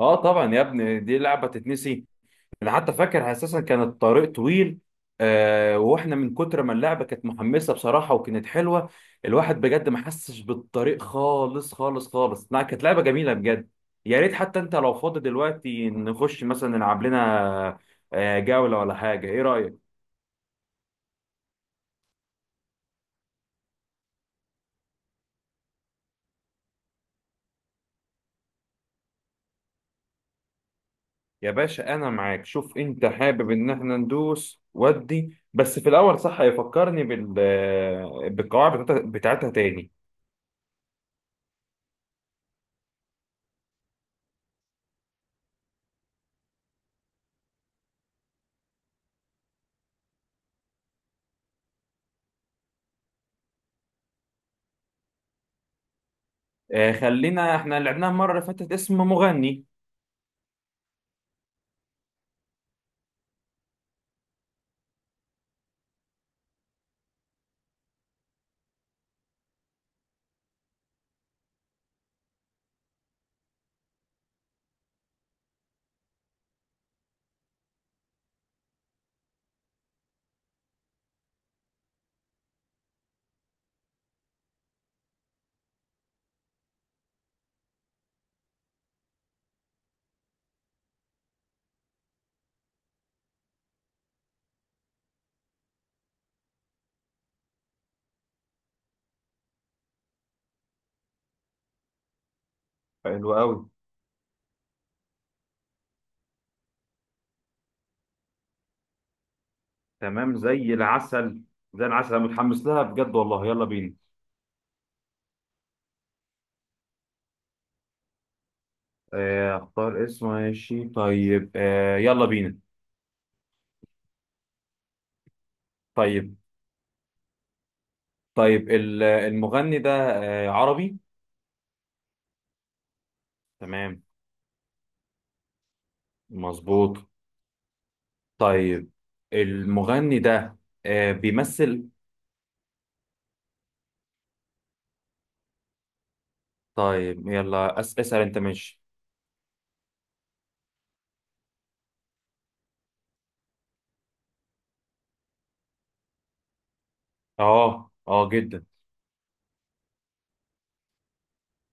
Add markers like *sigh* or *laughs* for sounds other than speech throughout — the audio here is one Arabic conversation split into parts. اه، طبعا يا ابني، دي لعبه تتنسي. انا حتى فاكر اساسا كان الطريق طويل. واحنا من كتر ما اللعبه كانت محمسه، بصراحه، وكانت حلوه. الواحد بجد ما حسش بالطريق خالص خالص خالص. لا، كانت لعبه جميله بجد. يا ريت حتى انت لو فاضي دلوقتي نخش مثلا نلعب لنا جوله ولا حاجه. ايه رايك؟ يا باشا، انا معاك. شوف انت حابب ان احنا ندوس ودي، بس في الاول صح يفكرني بالقواعد بتاعتها تاني. خلينا احنا لعبناها المره اللي فاتت اسم مغني. حلو قوي. تمام، زي العسل. زي العسل، انا متحمس لها بجد، والله يلا بينا. اختار اسم، ماشي. طيب، يلا بينا. طيب طيب، المغني ده عربي؟ تمام، مظبوط. طيب، المغني ده بيمثل؟ طيب يلا، اسأل انت، ماشي. اه اه، جدا.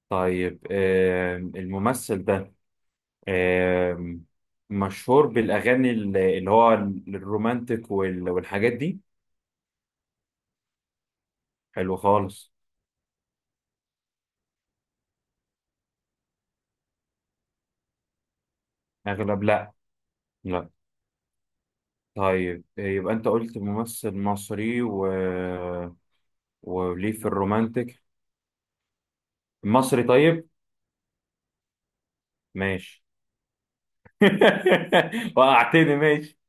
طيب، الممثل ده آم، مشهور بالأغاني اللي هو الرومانتك والحاجات دي؟ حلو خالص. أغلب؟ لأ. لأ. طيب، يبقى أنت قلت ممثل مصري وليه في الرومانتك، مصري؟ طيب، ماشي. *laughs* وقعتني، ماشي.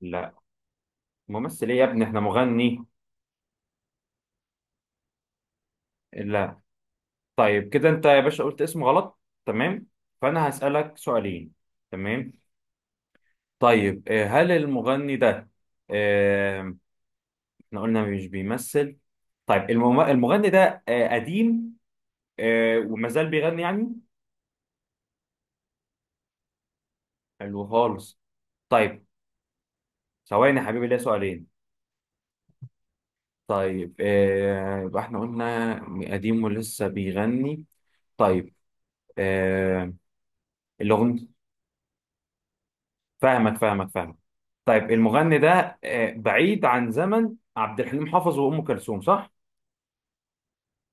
لأ، ممثل إيه يا ابني، إحنا مغني. لأ. طيب، كده أنت يا باشا قلت اسم غلط، تمام، فأنا هسألك سؤالين. تمام. طيب، هل المغني ده، احنا قلنا مش بيمثل. طيب، المغني ده قديم؟ وما زال بيغني يعني؟ حلو خالص. طيب، ثواني يا حبيبي، ليا سؤالين. طيب، يبقى احنا قلنا قديم ولسه بيغني. طيب، آه الأغنية. فاهمك فاهمك فاهمك. طيب، المغني ده بعيد عن زمن عبد الحليم حافظ وأم كلثوم، صح؟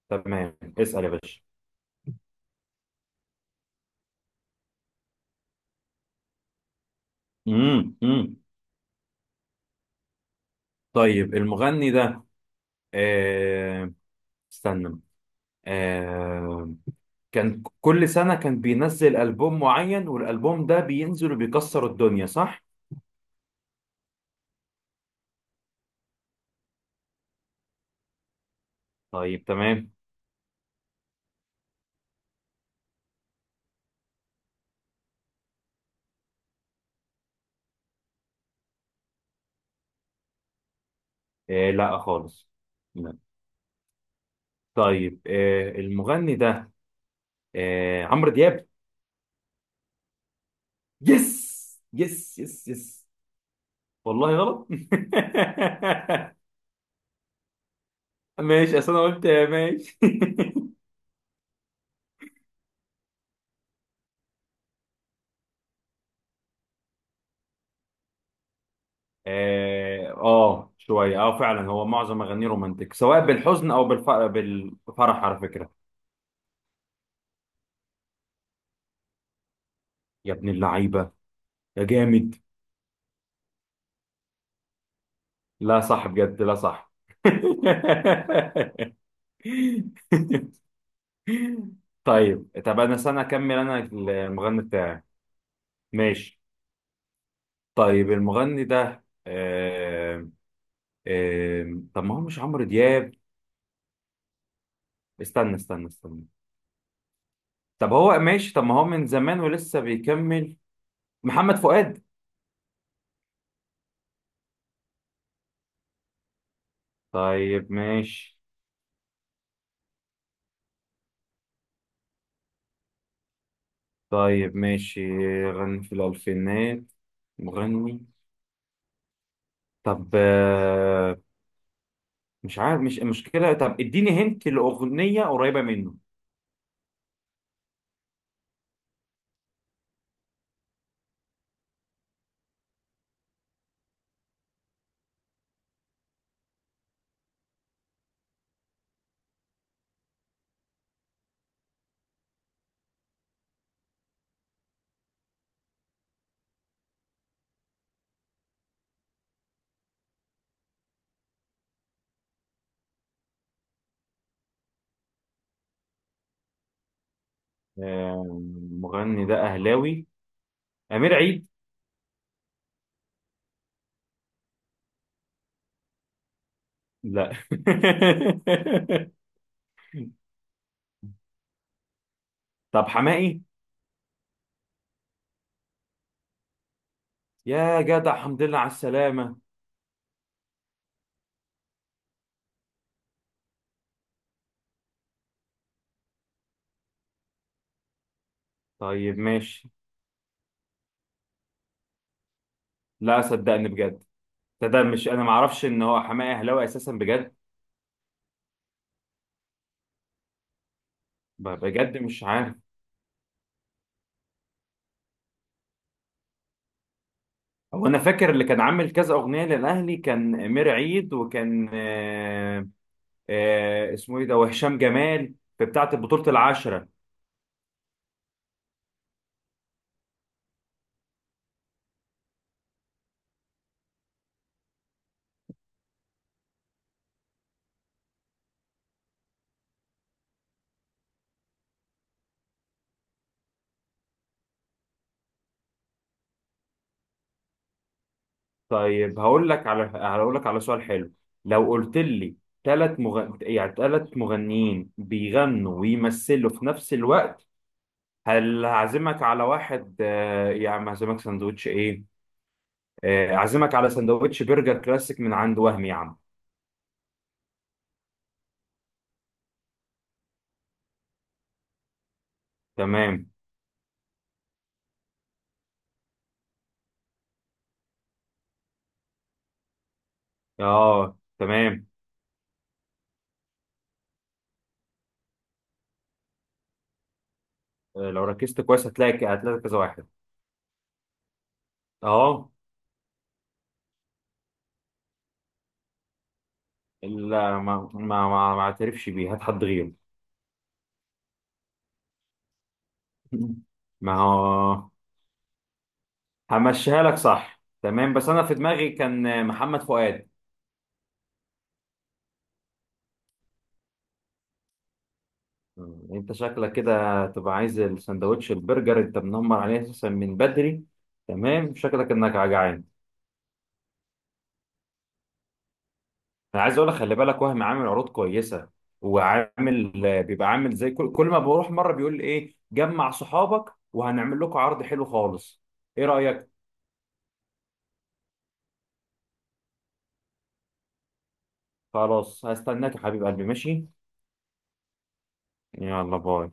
تمام، اسأل يا باشا. امم، امم. طيب، المغني ده آه استنى آه كان كل سنة كان بينزل ألبوم معين، والألبوم ده بينزل وبيكسر الدنيا، صح؟ طيب، تمام. لا خالص. لا. طيب، المغني ده عمرو دياب. يس يس يس يس. والله غلط. *laughs* ماشي، أصل أنا قلت ماشي. *laughs* اه، شوية، اه فعلا، هو معظم أغانيه رومانتك، سواء بالحزن أو بالفرح، على فكرة. يا ابن اللعيبة، يا جامد. لا صح بجد، لا صح. *laughs* طيب، انا سنة اكمل انا المغني بتاعي. ماشي. طيب، المغني ده آم، آم، طب ما هو مش عمرو دياب. استنى استنى استنى. طب هو ماشي. طب ما هو من زمان ولسه بيكمل. محمد فؤاد؟ طيب ماشي. طيب ماشي، غني في الألفينات. مغني. طب مش عارف، مش المشكلة. طب اديني هنت لأغنية قريبة منه. المغني ده أهلاوي؟ أمير عيد؟ لا. *laughs* طب حماقي. يا جدع، الحمد لله على السلامة. طيب ماشي. لا صدقني بجد، ده مش أنا معرفش إن هو حماقي أهلاوي أساسا بجد. بجد مش عارف. هو أنا فاكر اللي كان عامل كذا أغنية للأهلي كان أمير عيد، وكان اسمه إيه ده وهشام جمال في بتاعة بطولة العشرة. طيب، هقول لك على سؤال حلو. لو قلت لي يعني ثلاث مغنيين بيغنوا ويمثلوا في نفس الوقت، هل هعزمك على واحد؟ يا عم، هعزمك سندوتش ايه؟ اعزمك على سندوتش برجر كلاسيك من عند وهم، يا عم. تمام. اه، تمام. لو ركزت كويس هتلاقي هتلاقي كذا واحد. اه. لا، ما اعترفش بيه، هات حد غيره. *laughs* ما هو. همشيها لك صح، تمام، بس انا في دماغي كان محمد فؤاد. انت شكلك كده تبقى عايز السندوتش البرجر، انت منمر عليه اساسا من بدري. تمام، شكلك انك جعان. انا عايز اقول لك خلي بالك، وهم عامل عروض كويسه، وعامل، بيبقى عامل زي كل ما بروح مره بيقول لي ايه، جمع صحابك وهنعمل لكم عرض حلو خالص. ايه رايك؟ خلاص، هستناك يا حبيب قلبي، ماشي. يلا، باي.